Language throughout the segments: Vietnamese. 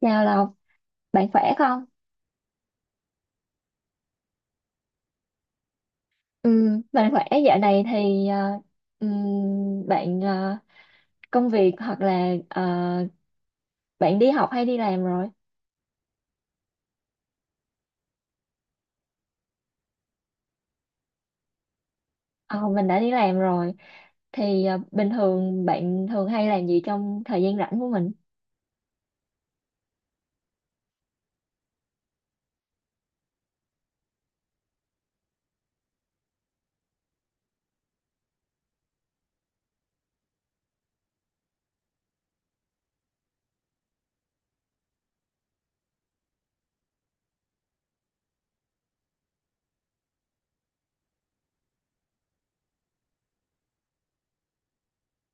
Chào Lộc, bạn khỏe không? Ừ, bạn khỏe dạo này thì bạn công việc hoặc là bạn đi học hay đi làm rồi? Ờ, mình đã đi làm rồi. Bình thường bạn thường hay làm gì trong thời gian rảnh của mình?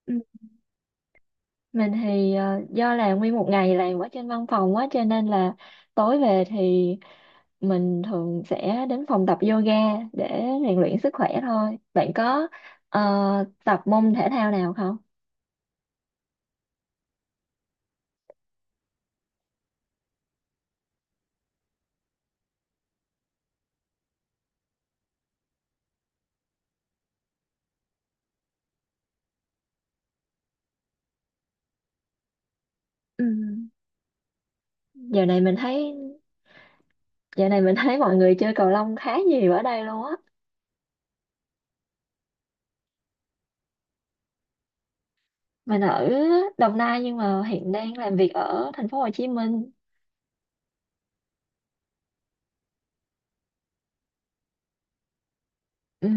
Ừ. Mình thì do là nguyên một ngày làm ở trên văn phòng quá cho nên là tối về thì mình thường sẽ đến phòng tập yoga để rèn luyện sức khỏe thôi. Bạn có ờ, tập môn thể thao nào không? Ừ. Giờ này mình thấy Giờ này mình thấy mọi người chơi cầu lông khá nhiều ở đây luôn á. Mình ở Đồng Nai nhưng mà hiện đang làm việc ở thành phố Hồ Chí Minh. Ừ,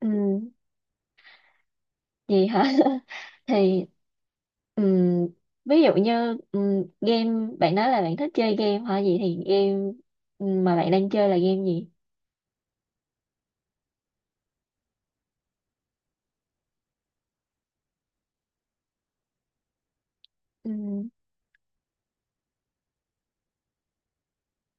ừ, gì hả? Thì ừ, Ví dụ như game bạn nói là bạn thích chơi game hả? Vậy thì game mà bạn đang chơi là game gì? Ừ,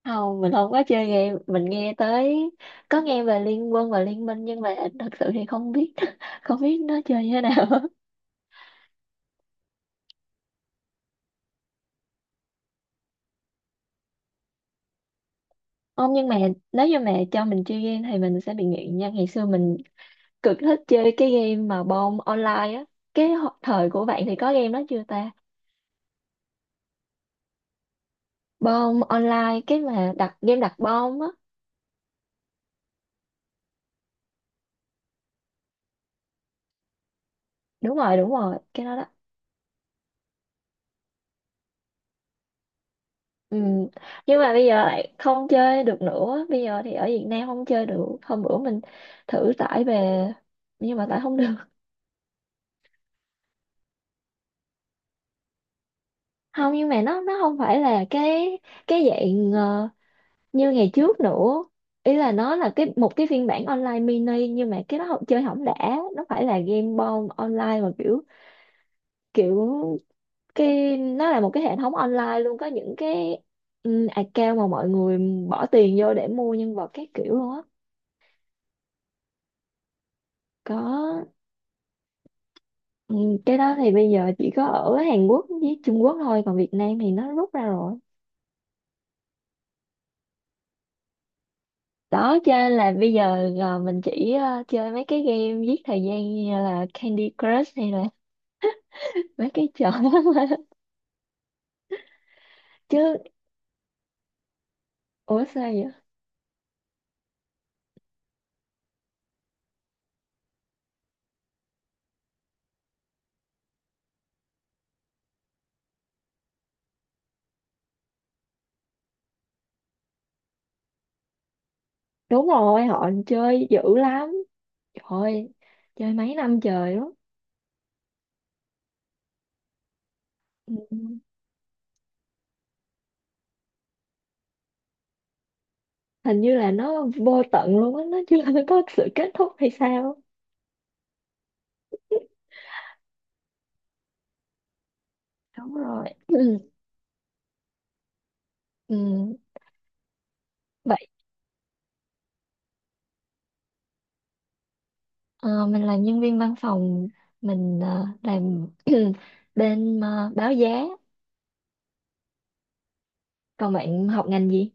không, mình không có chơi game. Mình nghe tới có nghe về Liên Quân và Liên Minh nhưng mà thật sự thì không biết không biết nó chơi như thế nào. Không nhưng mà nếu như mà cho mình chơi game thì mình sẽ bị nghiện nha. Ngày xưa mình cực thích chơi cái game mà bom online á. Cái thời của bạn thì có game đó chưa ta? Bom online cái mà đặt game đặt bom á. Đúng rồi, cái đó đó. Ừ. Nhưng mà bây giờ lại không chơi được nữa. Bây giờ thì ở Việt Nam không chơi được. Hôm bữa mình thử tải về nhưng mà tải không được. Không nhưng mà nó không phải là cái dạng như ngày trước nữa, ý là nó là cái một cái phiên bản online mini nhưng mà cái đó không chơi hỏng đã, nó phải là game bom online mà kiểu kiểu cái nó là một cái hệ thống online luôn, có những cái account mà mọi người bỏ tiền vô để mua nhân vật các kiểu luôn á. Có ừ, cái đó thì bây giờ chỉ có ở Hàn Quốc với Trung Quốc thôi, còn Việt Nam thì nó rút ra rồi đó, cho nên là bây giờ mình chỉ chơi mấy cái game giết thời gian như là Candy Crush hay là mấy cái trò đó chứ. Ủa sao vậy? Đúng rồi, họ chơi dữ lắm, trời, chơi mấy năm trời đó. Ừ. Hình như là nó vô tận luôn á, nó chưa có sự kết thúc hay sao á. Đúng rồi. Ừ. Ừ. Vậy ờ, mình là nhân viên văn phòng, mình làm bên báo giá. Còn bạn học ngành gì?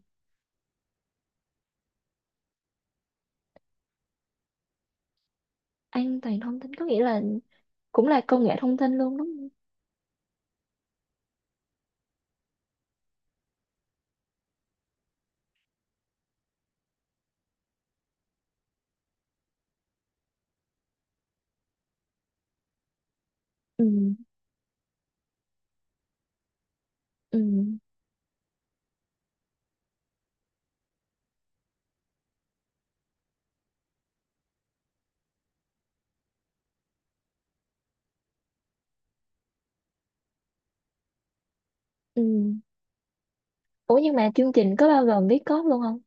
An toàn thông tin có nghĩa là cũng là công nghệ thông tin luôn đúng không? Ừ. Ừ. Ừ. Ủa nhưng mà chương trình có bao gồm viết code luôn không?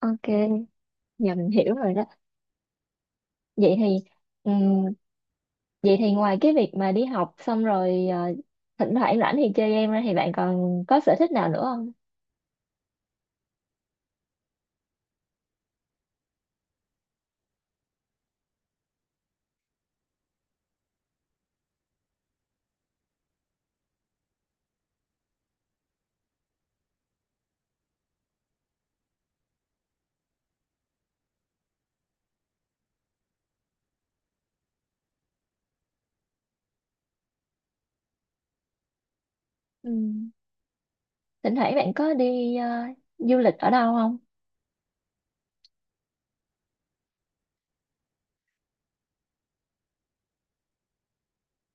Ok. Dạ mình hiểu rồi đó. Vậy thì ừm, Vậy thì ngoài cái việc mà đi học xong rồi thỉnh thoảng rảnh thì chơi game ra thì bạn còn có sở thích nào nữa không? Ừ. Thỉnh thoảng bạn có đi du lịch ở đâu không?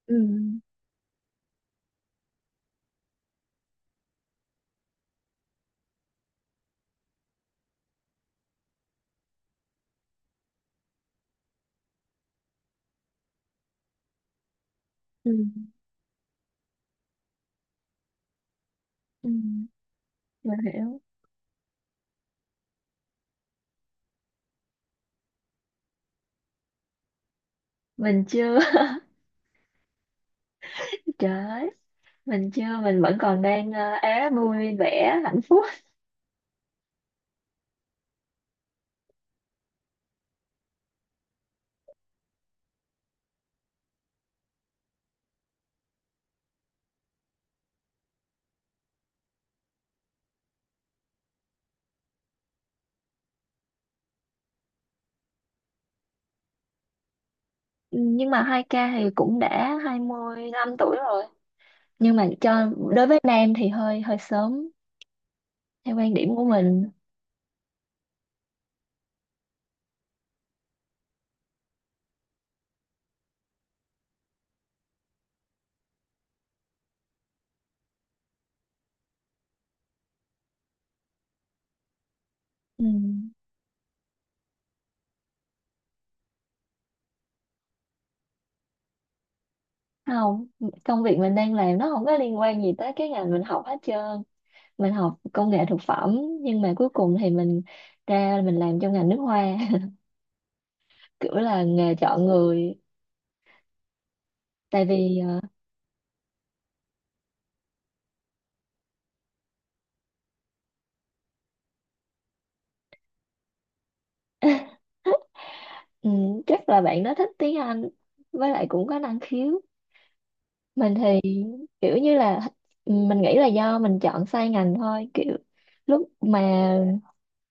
Ừ. Ừ. Ừ. Mình hiểu. Mình chưa. Trời ơi, mình chưa, mình vẫn còn đang é vui vẻ hạnh phúc. Ừ, nhưng mà hai k thì cũng đã 25 tuổi rồi. Nhưng mà cho đối với nam thì hơi hơi sớm theo quan điểm của mình. Ừ. Không, công việc mình đang làm nó không có liên quan gì tới cái ngành mình học hết trơn, mình học công nghệ thực phẩm nhưng mà cuối cùng thì mình ra mình làm trong ngành nước hoa. Kiểu là nghề chọn người, tại vì ừ, chắc là bạn đó thích tiếng Anh với lại cũng có năng khiếu. Mình thì kiểu như là mình nghĩ là do mình chọn sai ngành thôi, kiểu lúc mà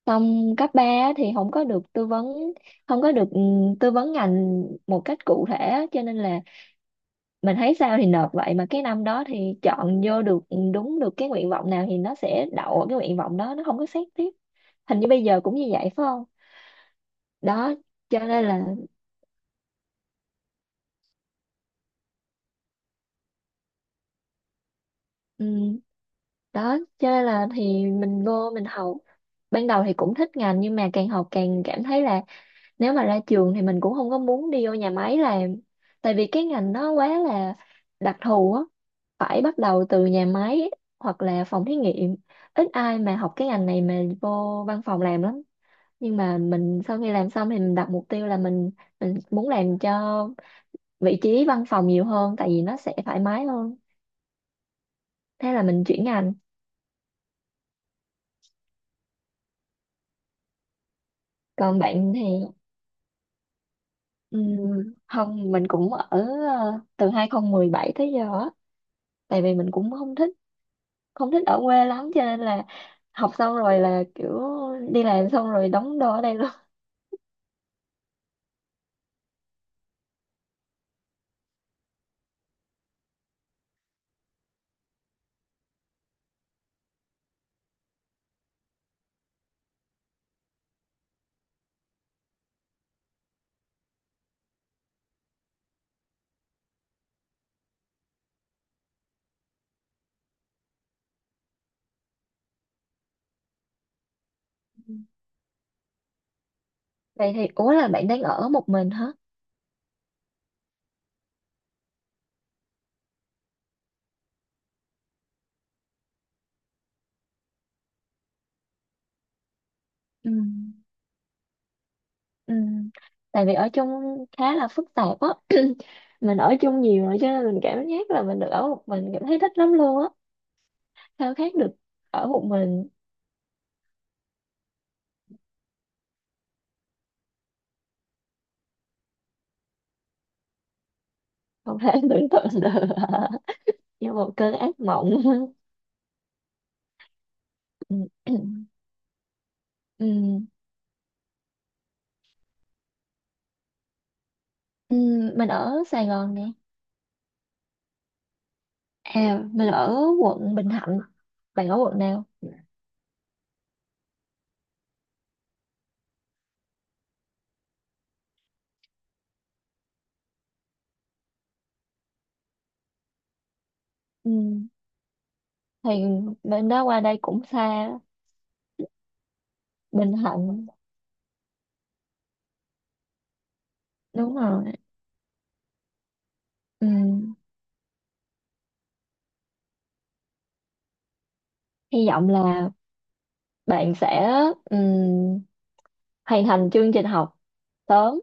xong cấp 3 á thì không có được tư vấn, không có được tư vấn ngành một cách cụ thể á, cho nên là mình thấy sao thì nộp vậy, mà cái năm đó thì chọn vô được đúng được cái nguyện vọng nào thì nó sẽ đậu ở cái nguyện vọng đó, nó không có xét tiếp. Hình như bây giờ cũng như vậy phải không? đó cho nên là ừm, Đó cho nên là thì mình vô mình học, ban đầu thì cũng thích ngành nhưng mà càng học càng cảm thấy là nếu mà ra trường thì mình cũng không có muốn đi vô nhà máy làm, tại vì cái ngành nó quá là đặc thù á, phải bắt đầu từ nhà máy hoặc là phòng thí nghiệm, ít ai mà học cái ngành này mà vô văn phòng làm lắm. Nhưng mà mình sau khi làm xong thì mình đặt mục tiêu là mình muốn làm cho vị trí văn phòng nhiều hơn tại vì nó sẽ thoải mái hơn, thế là mình chuyển ngành. Còn bạn thì không mình cũng ở từ 2017 tới giờ á. Tại vì mình cũng không thích, không thích ở quê lắm cho nên là học xong rồi là kiểu đi làm xong rồi đóng đô ở đây luôn. Ừ. Vậy thì ủa là bạn đang ở một mình hả? Ừ. Ừ. Tại vì ở chung khá là phức tạp á, mình ở chung nhiều rồi cho nên mình cảm giác là mình được ở một mình cảm thấy thích lắm luôn á, khao khát được ở một mình. Không thể tưởng tượng được. Như một cơn ác mộng. Ừ. Ừ. Ừ. Ừ. Mình ở Sài Gòn nè. À mình ở quận Bình Thạnh, bạn ở quận nào? Ừ. Thì bên đó qua đây cũng xa. Bình Thạnh đúng rồi. Ừ. Hy vọng là bạn sẽ ừ. hoàn thành chương trình học sớm,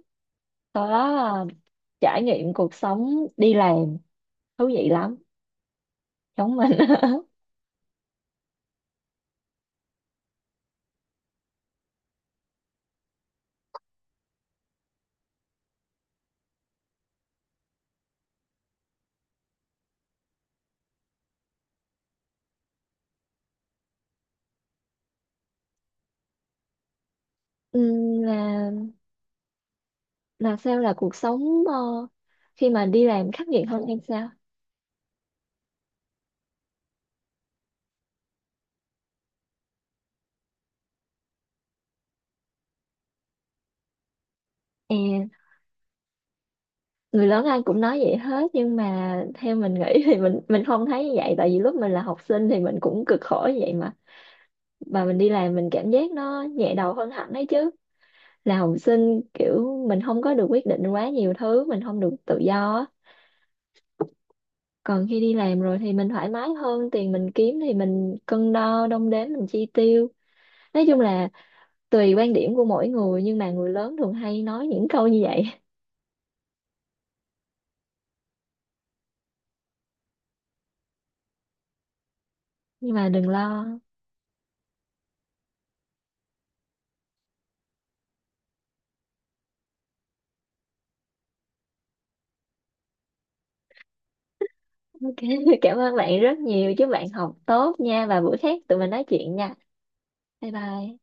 sau đó là trải nghiệm cuộc sống đi làm, thú vị lắm giống mình. Ừm, là là sao, là cuộc sống khi mà đi làm khắc nghiệt hơn hay sao? à, Người lớn ai cũng nói vậy hết nhưng mà theo mình nghĩ thì mình không thấy như vậy, tại vì lúc mình là học sinh thì mình cũng cực khổ như vậy mà mình đi làm mình cảm giác nó nhẹ đầu hơn hẳn đấy chứ. Là học sinh kiểu mình không có được quyết định quá nhiều thứ, mình không được tự do á, còn khi đi làm rồi thì mình thoải mái hơn, tiền mình kiếm thì mình cân đo đong đếm mình chi tiêu. Nói chung là tùy quan điểm của mỗi người nhưng mà người lớn thường hay nói những câu như vậy. Nhưng mà đừng lo. Ok. Cảm ơn bạn rất nhiều, chúc bạn học tốt nha và bữa khác tụi mình nói chuyện nha. Bye bye.